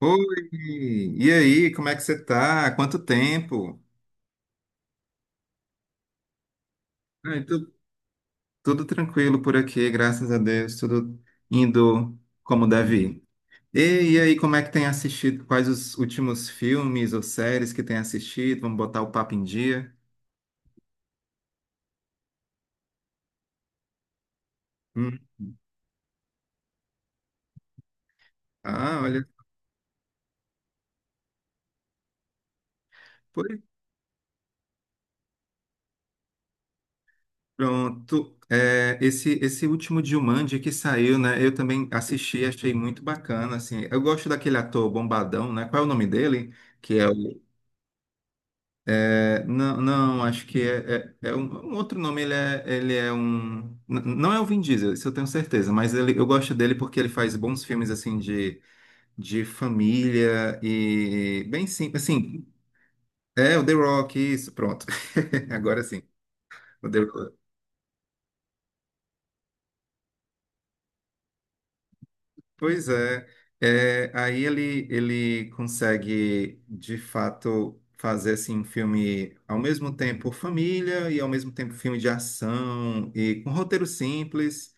Oi, e aí, como é que você tá? Quanto tempo? Ai, tu- Tudo tranquilo por aqui, graças a Deus, tudo indo como deve. E, e aí, como é que tem assistido? Quais os últimos filmes ou séries que tem assistido? Vamos botar o papo em dia? Hum. Ah, olha, pois pronto. É, esse último Jumanji que saiu, né? Eu também assisti, achei muito bacana, assim. Eu gosto daquele ator bombadão, né? Qual é o nome dele? Que é o É, não, não, acho que é um, um outro nome, ele é um. Não é o Vin Diesel, isso eu tenho certeza, mas ele, eu gosto dele porque ele faz bons filmes, assim, de, família e bem simples, assim, é o The Rock, isso, pronto. Agora sim, o The Rock. Pois é, é, aí ele consegue de fato fazer assim, um filme ao mesmo tempo família e ao mesmo tempo filme de ação e com roteiro simples,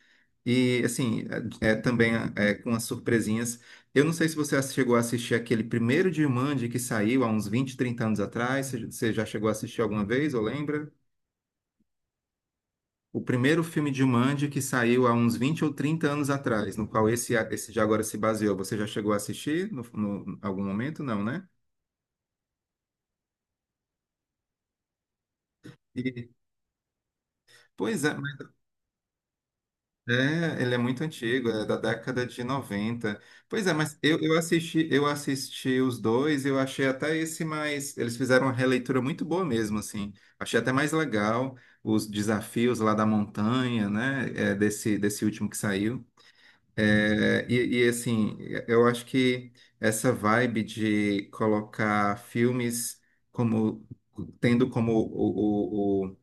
e assim é também, com as surpresinhas. Eu não sei se você chegou a assistir aquele primeiro Jumanji que saiu há uns 20 30 anos atrás. Você já chegou a assistir alguma vez ou lembra? O primeiro filme de Jumanji que saiu há uns 20 ou 30 anos atrás, no qual esse de agora se baseou. Você já chegou a assistir algum momento? Não, né? E- Pois é, mas ele é muito antigo, é da década de 90. Pois é, mas eu assisti os dois, eu achei até esse mais. Eles fizeram uma releitura muito boa mesmo, assim. Achei até mais legal os desafios lá da montanha, né? Desse último que saiu. Assim, eu acho que essa vibe de colocar filmes como tendo como o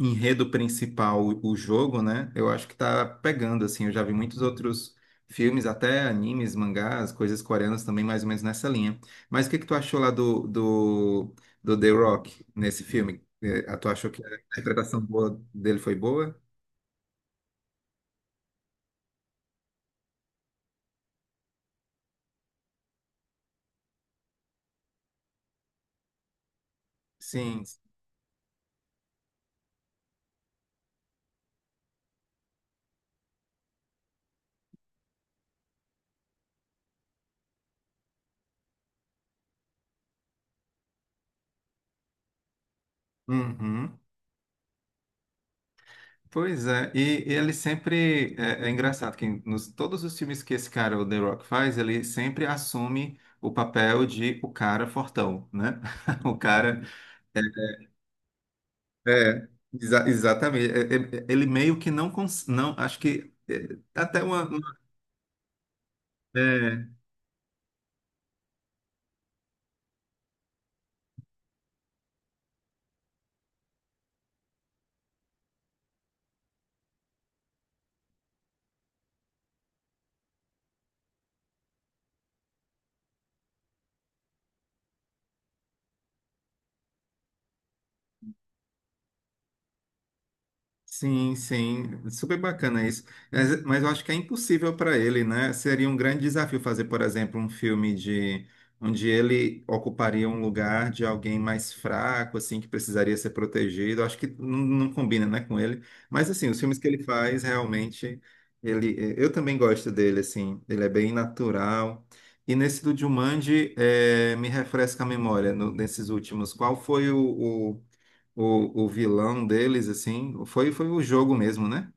enredo principal o jogo, né? Eu acho que tá pegando, assim. Eu já vi muitos outros filmes, até animes, mangás, coisas coreanas também, mais ou menos nessa linha. Mas o que que tu achou lá do The Rock nesse filme? Tu achou que a interpretação boa dele foi boa? Sim. Uhum. Pois é, e ele sempre é engraçado que nos todos os filmes que esse cara, o The Rock, faz, ele sempre assume o papel de o cara fortão, né? O cara é, é, exatamente. Ele meio que não, acho que é, até uma. Sim, sim, super bacana isso. Mas eu acho que é impossível para ele, né? Seria um grande desafio fazer, por exemplo, um filme de onde ele ocuparia um lugar de alguém mais fraco, assim, que precisaria ser protegido. Eu acho que não, não combina, né, com ele. Mas assim, os filmes que ele faz realmente, eu também gosto dele, assim. Ele é bem natural. E nesse do Jumanji, me refresca a memória nesses últimos. Qual foi o o vilão deles, assim, foi o jogo mesmo, né?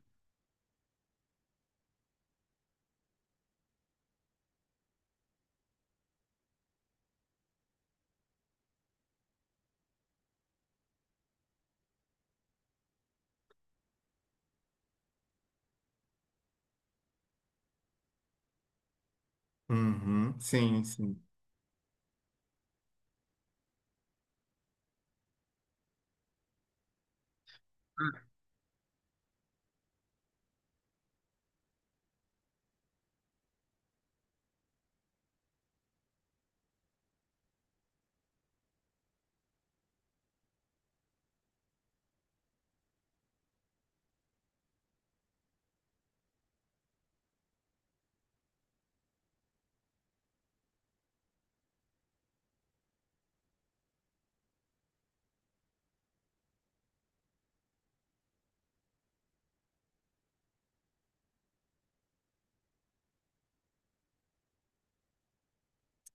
Uhum, sim, sim,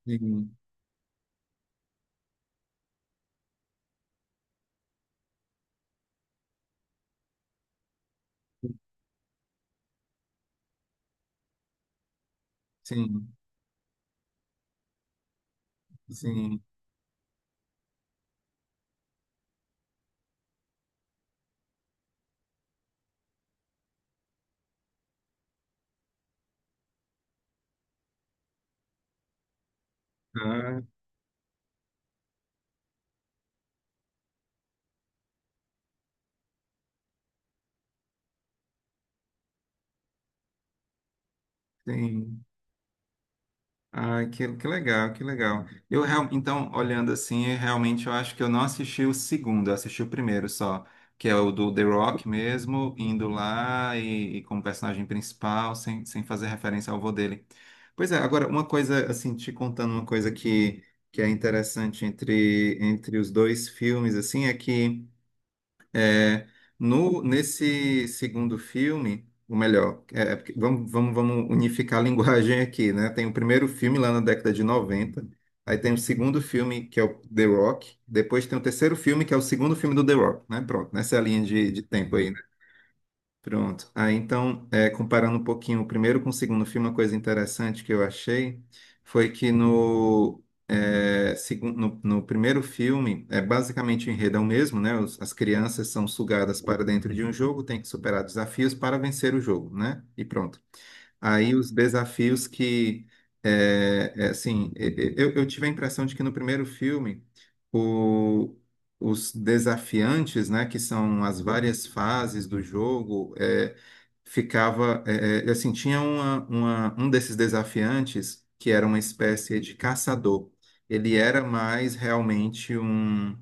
sim, sim, sim. Ah, sim. Ah, que legal, que legal. Eu então, olhando assim, eu realmente eu acho que eu não assisti o segundo, eu assisti o primeiro só, que é o do The Rock mesmo, indo lá e como personagem principal, sem fazer referência ao avô dele. Pois é, agora, uma coisa, assim, te contando uma coisa que é interessante entre os dois filmes, assim, é que. É, no, Nesse segundo filme, ou melhor, é porque vamos unificar a linguagem aqui, né? Tem o primeiro filme lá na década de 90, aí tem o segundo filme, que é o The Rock, depois tem o terceiro filme, que é o segundo filme do The Rock, né? Pronto, nessa linha de tempo aí, pronto. Ah, então, comparando um pouquinho o primeiro com o segundo filme, uma coisa interessante que eu achei foi que no primeiro filme, é basicamente o enredo é o mesmo, né? As crianças são sugadas para dentro de um jogo, tem que superar desafios para vencer o jogo, né? E pronto. Aí os desafios que, assim, eu tive a impressão de que no primeiro filme, o- os desafiantes, né, que são as várias fases do jogo, ficava, assim, tinha um desses desafiantes que era uma espécie de caçador. Ele era mais realmente um,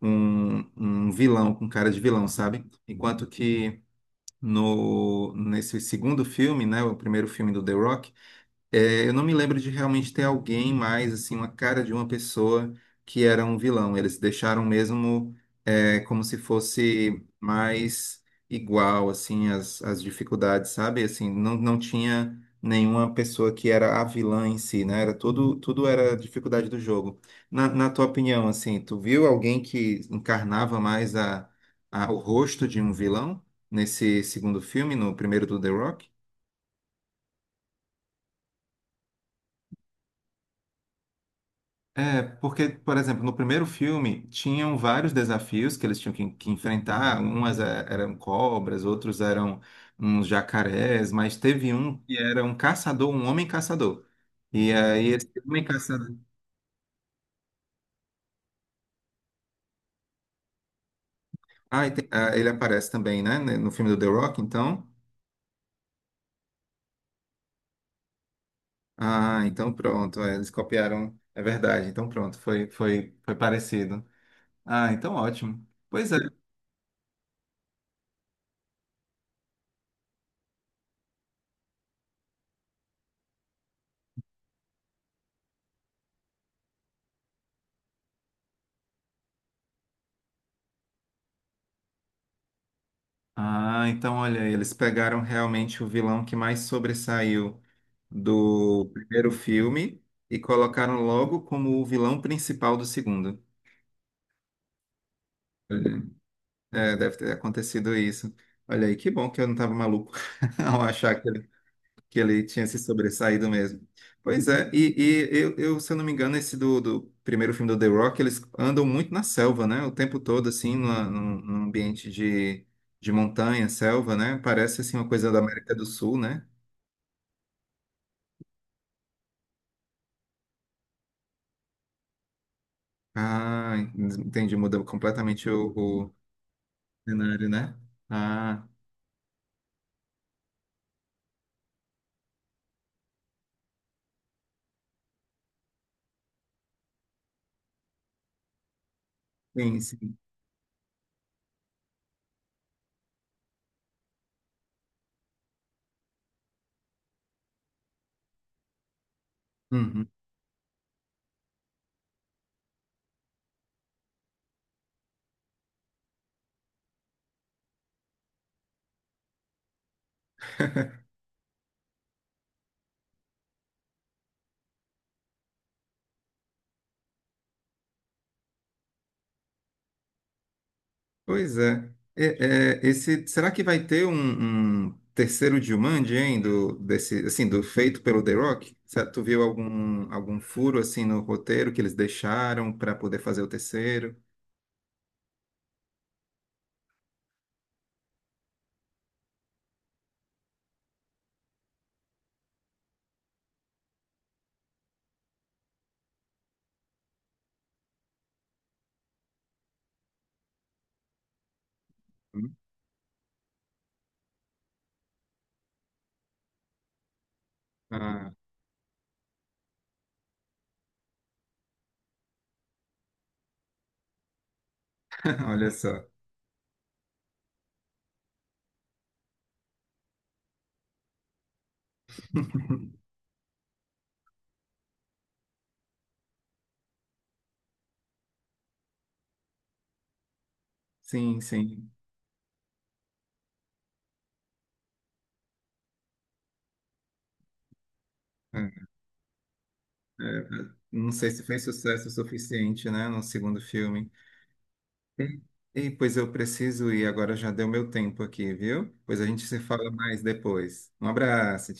um um vilão, com cara de vilão, sabe? Enquanto que no, nesse segundo filme, né, o primeiro filme do The Rock, eu não me lembro de realmente ter alguém mais, assim, uma cara de uma pessoa que era um vilão. Eles deixaram mesmo como se fosse mais igual, assim, as dificuldades, sabe? Assim, não, não tinha nenhuma pessoa que era a vilã em si, né? Tudo era dificuldade do jogo. Na tua opinião, assim, tu viu alguém que encarnava mais o rosto de um vilão nesse segundo filme, no primeiro do The Rock? É, porque, por exemplo, no primeiro filme tinham vários desafios que eles tinham que enfrentar. Umas eram cobras, outros eram uns jacarés, mas teve um que era um caçador, um homem caçador. E aí esse homem caçador. Ah, ah, ele aparece também, né? Né, no filme do The Rock, então. Ah, então pronto. Eles copiaram. É verdade, então pronto, foi parecido. Ah, então ótimo. Pois é. Ah, então olha, eles pegaram realmente o vilão que mais sobressaiu do primeiro filme e colocaram logo como o vilão principal do segundo. Olha, deve ter acontecido isso. Olha aí, que bom que eu não estava maluco ao achar que ele tinha se sobressaído mesmo. Pois é, e eu, se eu não me engano, esse do primeiro filme do The Rock, eles andam muito na selva, né? O tempo todo, assim, num ambiente de montanha, selva, né? Parece, assim, uma coisa da América do Sul, né? Ah, entendi, muda completamente o, o cenário, né? Ah, sim, sim. Uhum. Pois é. Esse, será que vai ter um, terceiro Jumanji, hein, desse, assim, do feito pelo The Rock? Tu viu algum furo assim no roteiro que eles deixaram para poder fazer o terceiro? Hum? Ah, olha só. Sim, sim. É, é, não sei se fez sucesso o suficiente, né, no segundo filme. E, Pois eu preciso ir, agora já deu meu tempo aqui, viu? Pois a gente se fala mais depois. Um abraço.